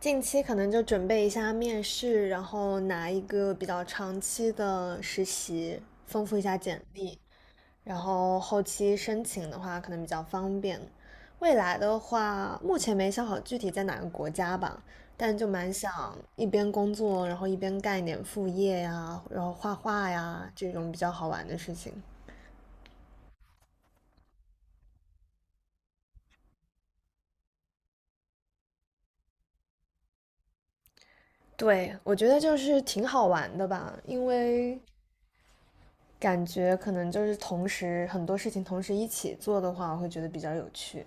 近期可能就准备一下面试，然后拿一个比较长期的实习，丰富一下简历，然后后期申请的话可能比较方便。未来的话，目前没想好具体在哪个国家吧，但就蛮想一边工作，然后一边干一点副业呀，然后画画呀，这种比较好玩的事情。对，我觉得就是挺好玩的吧，因为感觉可能就是同时很多事情同时一起做的话，我会觉得比较有趣。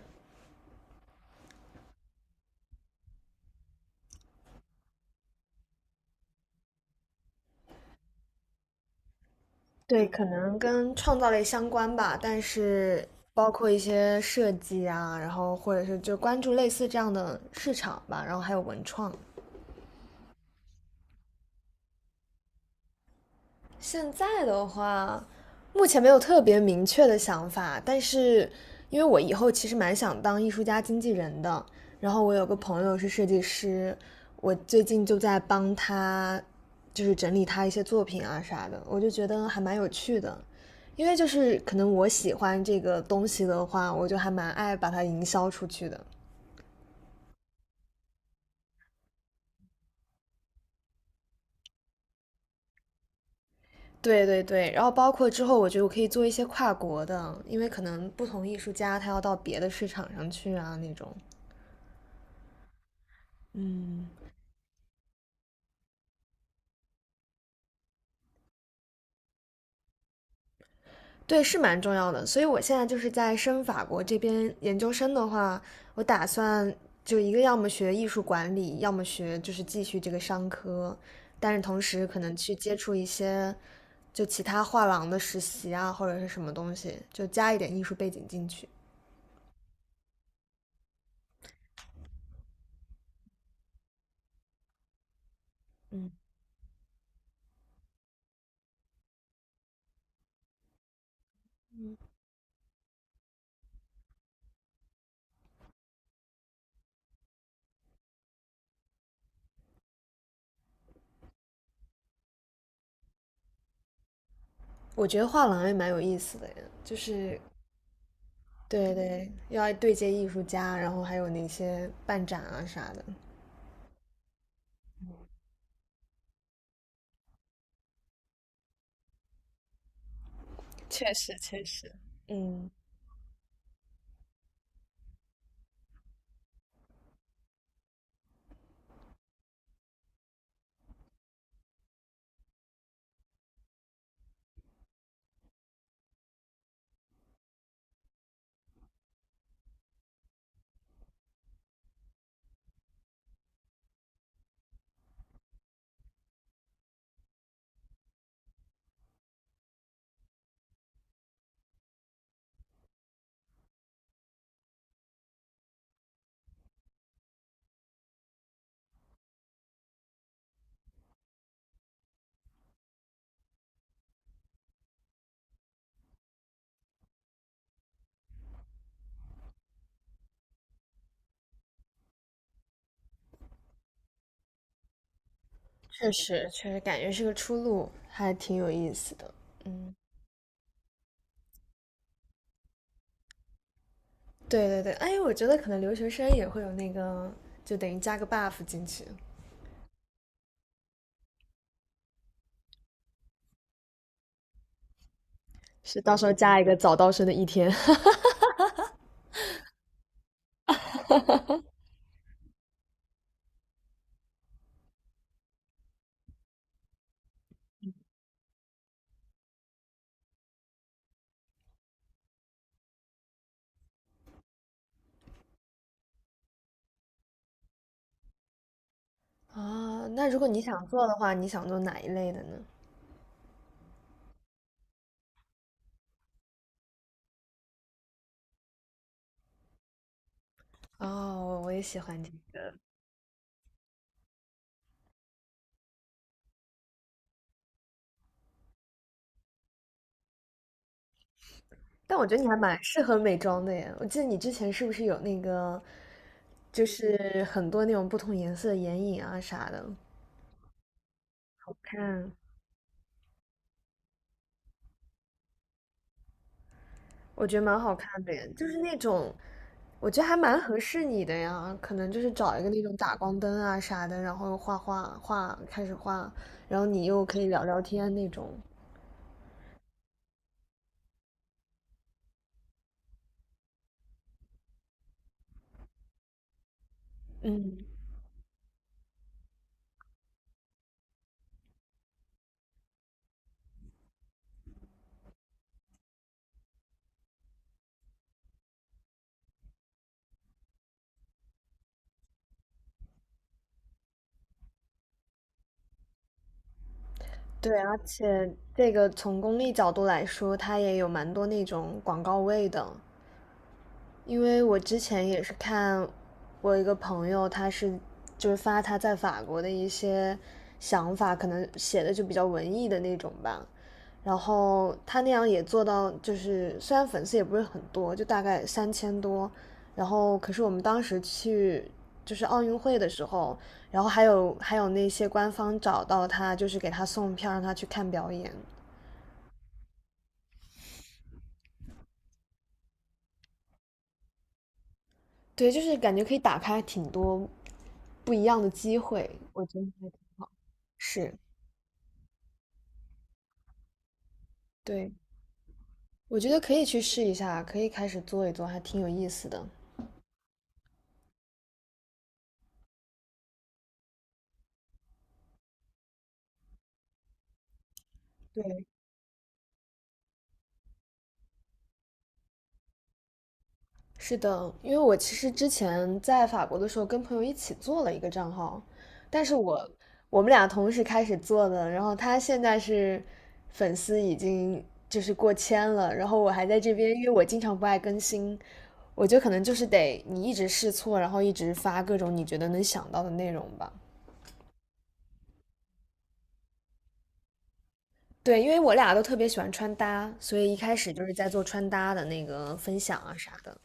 对，可能跟创造类相关吧，但是包括一些设计啊，然后或者是就关注类似这样的市场吧，然后还有文创。现在的话，目前没有特别明确的想法，但是因为我以后其实蛮想当艺术家经纪人的，然后我有个朋友是设计师，我最近就在帮他，就是整理他一些作品啊啥的，我就觉得还蛮有趣的，因为就是可能我喜欢这个东西的话，我就还蛮爱把它营销出去的。对对对，然后包括之后，我觉得我可以做一些跨国的，因为可能不同艺术家他要到别的市场上去啊那种。对，是蛮重要的。所以我现在就是在申法国这边研究生的话，我打算就一个要么学艺术管理，要么学就是继续这个商科，但是同时可能去接触一些就其他画廊的实习啊，或者是什么东西，就加一点艺术背景进去。嗯，我觉得画廊也蛮有意思的呀，就是对对，要对接艺术家，然后还有那些办展啊啥的。确实，确实。嗯，确实，确实感觉是个出路，还挺有意思的。对对对，哎，我觉得可能留学生也会有那个，就等于加个 buff 进去是到时候加一个早到生的一天。啊。那如果你想做的话，你想做哪一类的呢？哦，我也喜欢这个但我觉得你还蛮适合美妆的耶。我记得你之前是不是有那个，就是很多那种不同颜色的眼影啊啥的？看，我觉得蛮好看的耶，就是那种，我觉得还蛮合适你的呀。可能就是找一个那种打光灯啊啥的，然后画画画，开始画，然后你又可以聊聊天那种。嗯，对，而且这个从功利角度来说，它也有蛮多那种广告位的。因为我之前也是看我一个朋友，他是就是发他在法国的一些想法，可能写的就比较文艺的那种吧。然后他那样也做到，就是虽然粉丝也不是很多，就大概三千多。然后可是我们当时去就是奥运会的时候，然后还有那些官方找到他，就是给他送票，让他去看表演。对，就是感觉可以打开挺多不一样的机会，我觉得还是。对，我觉得可以去试一下，可以开始做一做，还挺有意思的。对，是的，因为我其实之前在法国的时候跟朋友一起做了一个账号，但是我们俩同时开始做的，然后他现在是粉丝已经就是过千了，然后我还在这边，因为我经常不爱更新，我觉得可能就是得你一直试错，然后一直发各种你觉得能想到的内容吧。对，因为我俩都特别喜欢穿搭，所以一开始就是在做穿搭的那个分享啊啥的。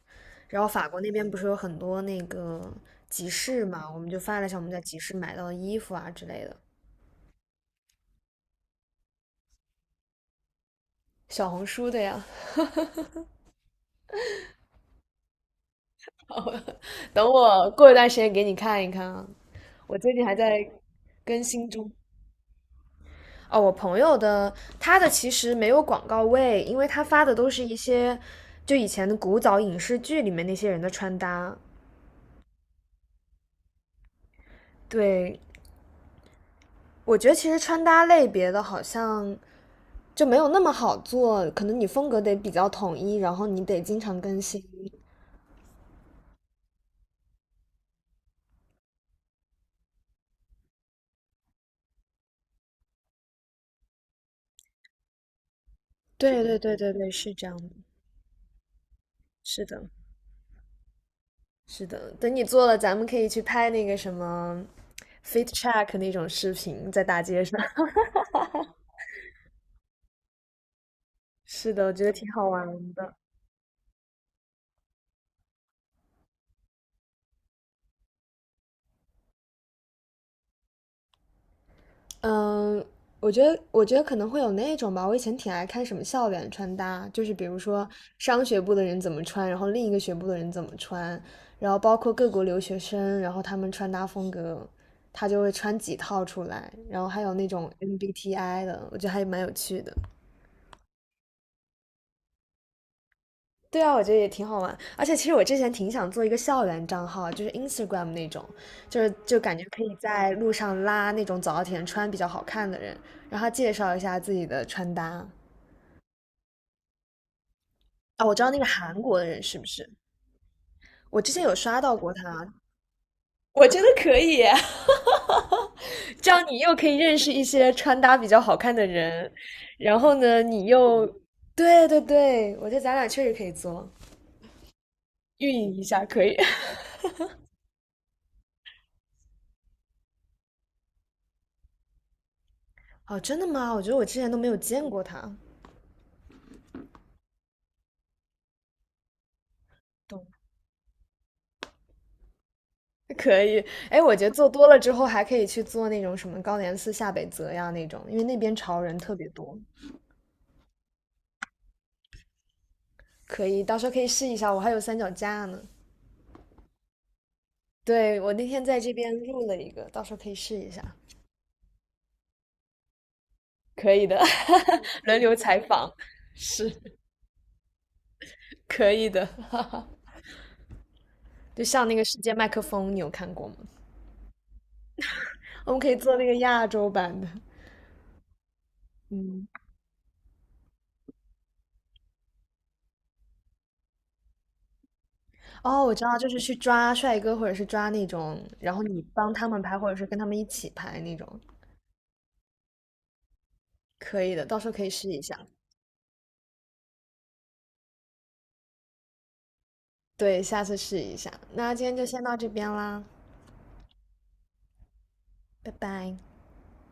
然后法国那边不是有很多那个集市嘛，我们就发了一下我们在集市买到的衣服啊之类的，小红书的呀。等我过一段时间给你看一看啊，我最近还在更新中。哦，我朋友的他的其实没有广告位，因为他发的都是一些就以前的古早影视剧里面那些人的穿搭。对，我觉得其实穿搭类别的好像就没有那么好做，可能你风格得比较统一，然后你得经常更新。对对对对对，是这样的，是的，是的，等你做了，咱们可以去拍那个什么 fit check 那种视频，在大街上。是的，我觉得挺好玩的。嗯，我觉得，我觉得可能会有那种吧。我以前挺爱看什么校园穿搭，就是比如说商学部的人怎么穿，然后另一个学部的人怎么穿，然后包括各国留学生，然后他们穿搭风格，他就会穿几套出来，然后还有那种 MBTI 的，我觉得还蛮有趣的。对啊，我觉得也挺好玩。而且其实我之前挺想做一个校园账号，就是 Instagram 那种，就是就感觉可以在路上拉那种早稻田穿比较好看的人，让他介绍一下自己的穿搭。啊，我知道那个韩国的人是不是？我之前有刷到过他，我觉得可以。这样你又可以认识一些穿搭比较好看的人，然后呢，你又，对对对，我觉得咱俩确实可以做，运营一下可以，哦，真的吗？我觉得我之前都没有见过他。懂 可以。哎，我觉得做多了之后还可以去做那种什么高莲寺下北泽呀那种，因为那边潮人特别多，可以，到时候可以试一下，我还有三脚架呢。对，我那天在这边录了一个，到时候可以试一下。可以的，轮流采访 是可以的。就像那个世界麦克风，你有看过吗？我们可以做那个亚洲版的。嗯，哦，我知道，就是去抓帅哥，或者是抓那种，然后你帮他们拍，或者是跟他们一起拍那种，可以的，到时候可以试一下。对，下次试一下。那今天就先到这边啦，拜拜。